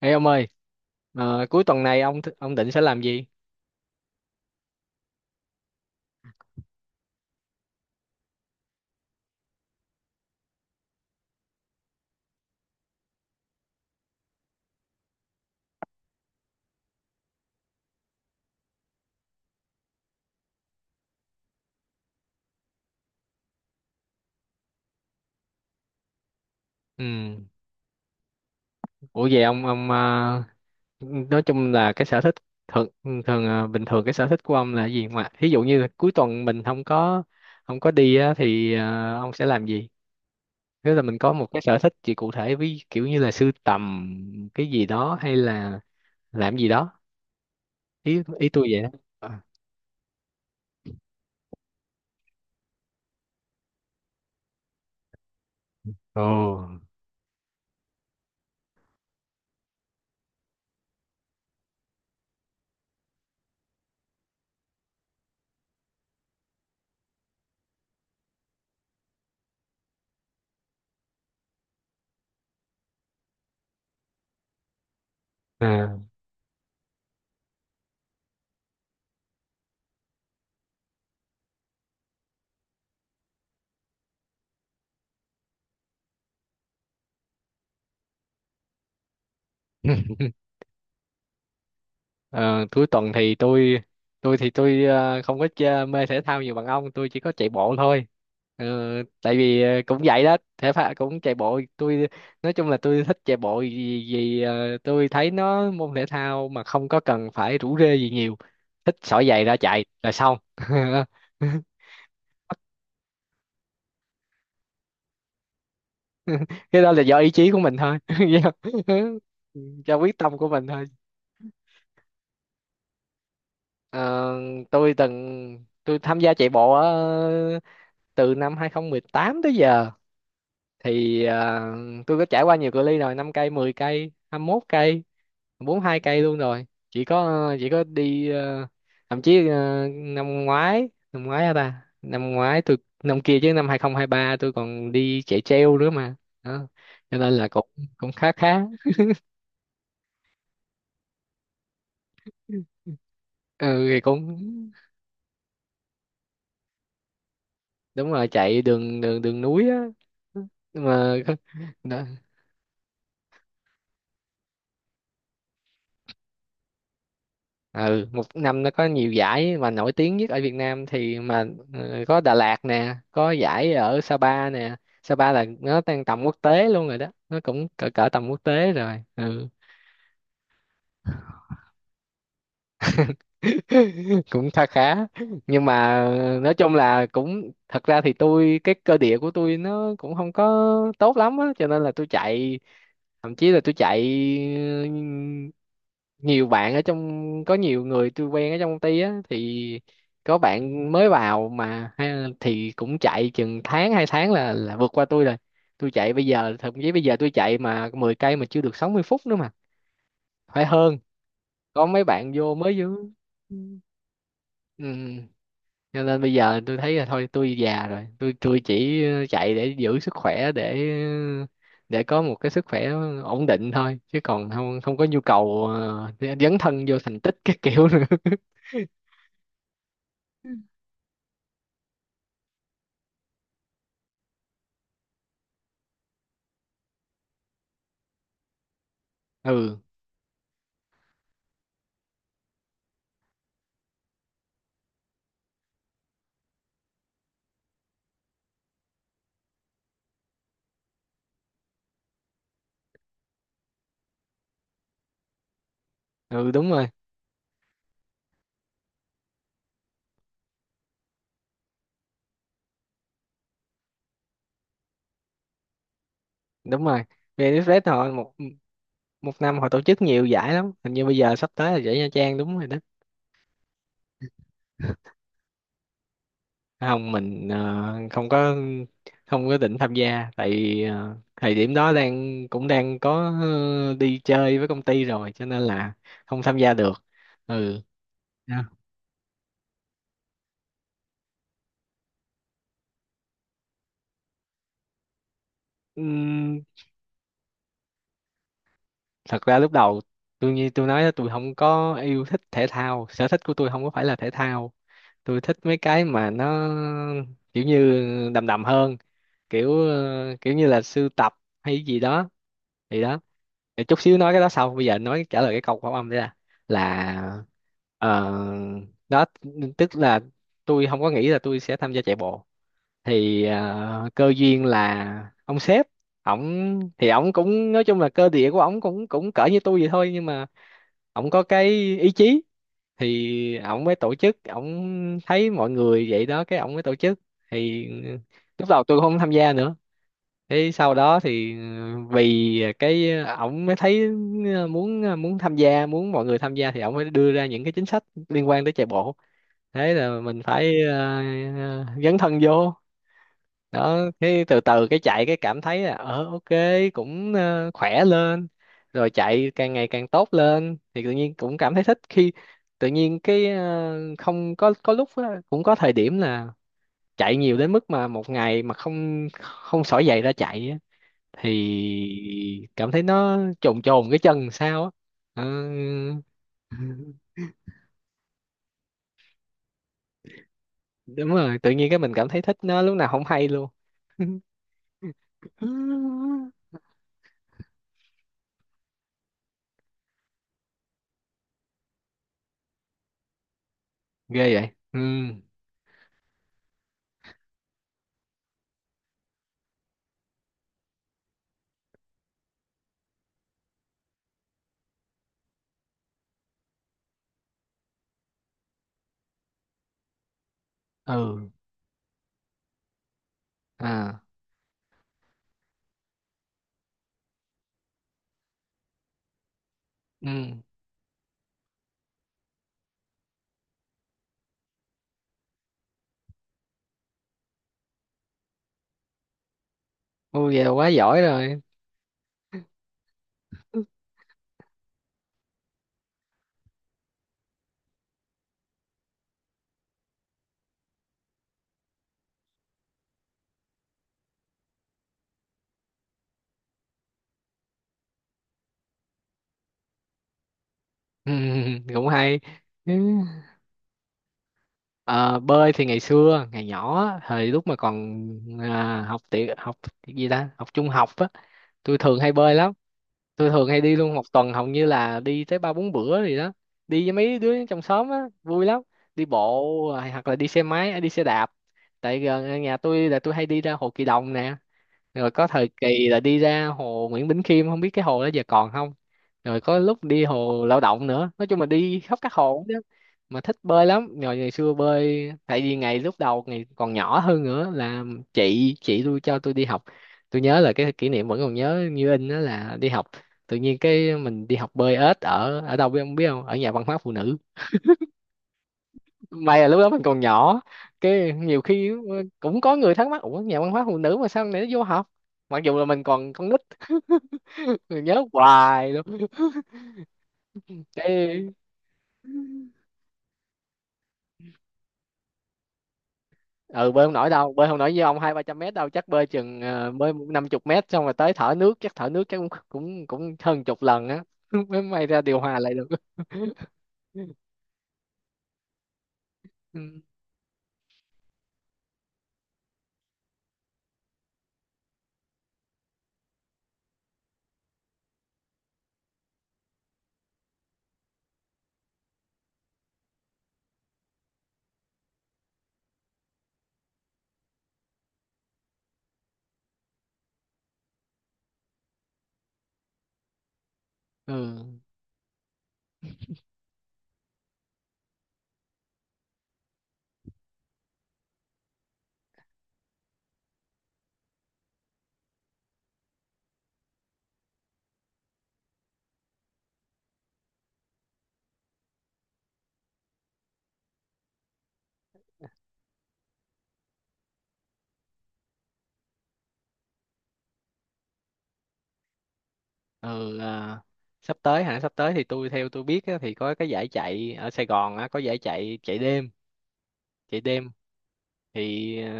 Ê ông ơi, cuối tuần này ông định sẽ làm gì? Ừ. Ủa vậy ông nói chung là cái sở thích thường thường ờ, bình thường cái sở thích của ông là gì, mà ví dụ như là cuối tuần mình không có đi á, thì ông sẽ làm gì? Nếu là mình có một cái sở thích gì cụ thể, ví kiểu như là sưu tầm cái gì đó hay là làm gì đó. Ý ý tôi vậy đó. Ờ. Ồ. Ờ, cuối tuần thì tôi không có chơi, mê thể thao nhiều bằng ông, tôi chỉ có chạy bộ thôi. Ờ, tại vì cũng vậy đó, thể thao cũng chạy bộ, tôi nói chung là tôi thích chạy bộ, vì tôi thấy nó môn thể thao mà không có cần phải rủ rê gì nhiều, thích xỏ giày ra chạy là xong. Cái đó là do ý chí của mình thôi. do do quyết tâm của mình thôi. Ờ, Tôi tham gia chạy bộ từ năm 2018 tới giờ thì tôi có trải qua nhiều cự ly rồi, 5 cây, 10 cây, 21 cây, 42 cây luôn rồi. Chỉ có đi thậm chí năm ngoái tôi, năm kia chứ, năm 2023 tôi còn đi chạy treo nữa mà. Đó, cho nên là cũng cũng khá khá Ừ thì cũng đúng rồi, chạy đường đường đường núi á, nhưng mà ừ, một năm nó có nhiều giải, mà nổi tiếng nhất ở Việt Nam thì mà có Đà Lạt nè, có giải ở Sapa nè. Sapa là nó đang tầm quốc tế luôn rồi đó, nó cũng cỡ cỡ tầm quốc tế rồi. Ừ. Cũng khá khá, nhưng mà nói chung là cũng, thật ra thì tôi, cái cơ địa của tôi nó cũng không có tốt lắm á, cho nên là tôi chạy, thậm chí là tôi chạy, ừ, nhiều bạn ở trong, có nhiều người tôi quen ở trong công ty á, thì có bạn mới vào mà ha, thì cũng chạy chừng tháng hai tháng là vượt qua tôi rồi. Tôi chạy bây giờ, thậm chí bây giờ tôi chạy mà 10 cây mà chưa được 60 phút nữa mà, phải hơn. Có mấy bạn vô. Ừ, cho nên bây giờ tôi thấy là thôi, tôi già rồi, tôi chỉ chạy để giữ sức khỏe, để có một cái sức khỏe ổn định thôi, chứ còn không không có nhu cầu dấn thân vô thành tích cái kiểu nữa. Ừ. Ừ đúng rồi. Đúng rồi, VnExpress họ một một năm họ tổ chức nhiều giải lắm, hình như bây giờ sắp tới là giải Nha Trang, đúng rồi đó. Không, mình không có không có định tham gia, tại vì thời điểm đó đang cũng đang có đi chơi với công ty rồi, cho nên là không tham gia được. Ừ. Dạ. Ừm, thật ra lúc đầu tôi như tôi nói đó, tôi không có yêu thích thể thao, sở thích của tôi không có phải là thể thao. Tôi thích mấy cái mà nó kiểu như đầm đầm hơn, kiểu kiểu như là sưu tập hay gì đó. Thì đó. Để chút xíu nói cái đó sau, bây giờ nói trả lời cái câu khẩu âm đấy là, ờ, đó, tức là tôi không có nghĩ là tôi sẽ tham gia chạy bộ. Thì cơ duyên là ông sếp, ổng thì ổng cũng nói chung là cơ địa của ổng cũng cũng cỡ như tôi vậy thôi, nhưng mà ổng có cái ý chí. Thì ổng mới tổ chức, ổng thấy mọi người vậy đó, cái ổng mới tổ chức thì lúc đầu tôi không tham gia nữa. Thế sau đó thì ừ, vì cái ổng mới thấy muốn muốn tham gia, muốn mọi người tham gia, thì ổng mới đưa ra những cái chính sách liên quan tới chạy bộ. Thế là mình phải dấn thân vô. Đó, cái từ từ cái chạy cái cảm thấy là ờ ok, cũng khỏe lên. Rồi chạy càng ngày càng tốt lên thì tự nhiên cũng cảm thấy thích. Khi tự nhiên cái không có, có lúc á, cũng có thời điểm là chạy nhiều đến mức mà một ngày mà không không xỏ giày ra chạy thì cảm thấy nó trồn trồn cái chân sao á. Ờ, đúng rồi, tự nhiên cái mình cảm thấy thích nó lúc nào không hay luôn. Ghê vậy. Ừ. Ừ. À. Ừ. Ô vậy là quá giỏi rồi. Ừ. Cũng hay. Ừ. Ờ, bơi thì ngày xưa ngày nhỏ á, thời lúc mà còn học tiểu học, gì ta, học trung học á, tôi thường hay bơi lắm. Tôi thường hay đi luôn, một tuần hầu như là đi tới ba bốn bữa gì đó, đi với mấy đứa trong xóm á, vui lắm. Đi bộ, rồi hoặc là đi xe máy, đi xe đạp. Tại gần nhà tôi là tôi hay đi ra Hồ Kỳ Đồng nè, rồi có thời kỳ là đi ra hồ Nguyễn Bỉnh Khiêm, không biết cái hồ đó giờ còn không, rồi có lúc đi hồ Lao Động nữa, nói chung là đi khắp các hồ đó mà. Thích bơi lắm. Rồi ngày xưa bơi tại vì ngày lúc đầu, ngày còn nhỏ hơn nữa là, chị tôi cho tôi đi học, tôi nhớ là cái kỷ niệm vẫn còn nhớ như in đó là đi học, tự nhiên cái mình đi học bơi ếch ở ở đâu biết không, biết không, ở nhà văn hóa phụ nữ. May là lúc đó mình còn nhỏ, cái nhiều khi cũng có người thắc mắc ủa nhà văn hóa phụ nữ mà sao này nó vô học, mặc dù là mình còn con nít. Tôi nhớ hoài luôn. Cái ừ, bơi không nổi đâu, bơi không nổi với ông hai ba trăm mét đâu, chắc bơi chừng bơi năm chục mét xong rồi tới thở nước, chắc thở nước chắc cũng cũng cũng hơn chục lần á. Mới may ra điều hòa lại được. Ừ. Ừ. Ừ, sắp tới hả, sắp tới thì tôi theo tôi biết á, thì có cái giải chạy ở Sài Gòn á, có giải chạy, chạy đêm, chạy đêm. Thì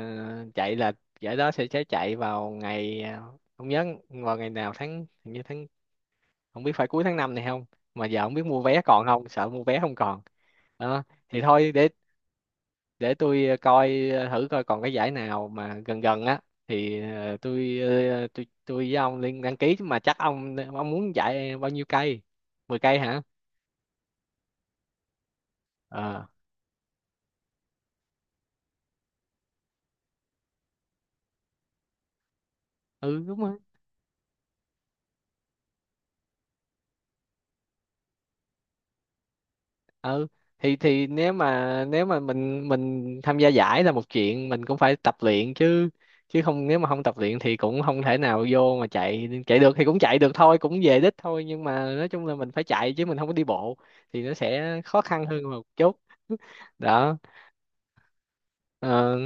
chạy là giải đó sẽ chạy vào ngày không nhớ vào ngày nào tháng, hình như tháng, không biết phải cuối tháng 5 này không, mà giờ không biết mua vé còn không, sợ mua vé không còn. Đó. Thì thôi để tôi coi thử coi còn cái giải nào mà gần gần á thì tôi với ông liên đăng ký. Chứ mà chắc ông muốn giải bao nhiêu cây, 10 cây hả? Ờ. Ừ đúng rồi. Ừ thì, nếu mà mình tham gia giải là một chuyện, mình cũng phải tập luyện chứ, chứ không, nếu mà không tập luyện thì cũng không thể nào vô mà chạy chạy được, thì cũng chạy được thôi, cũng về đích thôi, nhưng mà nói chung là mình phải chạy chứ mình không có đi bộ, thì nó sẽ khó khăn hơn một chút. Đó. Ờ,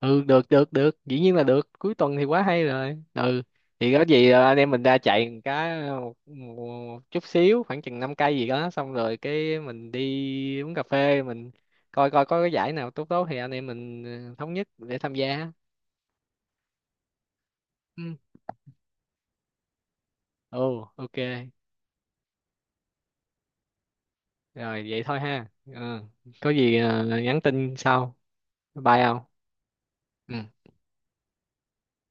ừ, được được được, dĩ nhiên là được, cuối tuần thì quá hay rồi. Ừ, thì có gì anh em mình ra chạy một cái một chút xíu khoảng chừng 5 cây gì đó, xong rồi cái mình đi uống cà phê, mình coi coi có cái giải nào tốt tốt thì anh em mình thống nhất để tham gia. Ừ. Ồ ok, rồi vậy thôi ha. Ừ. Có gì nhắn tin sau, bye không. Ừ.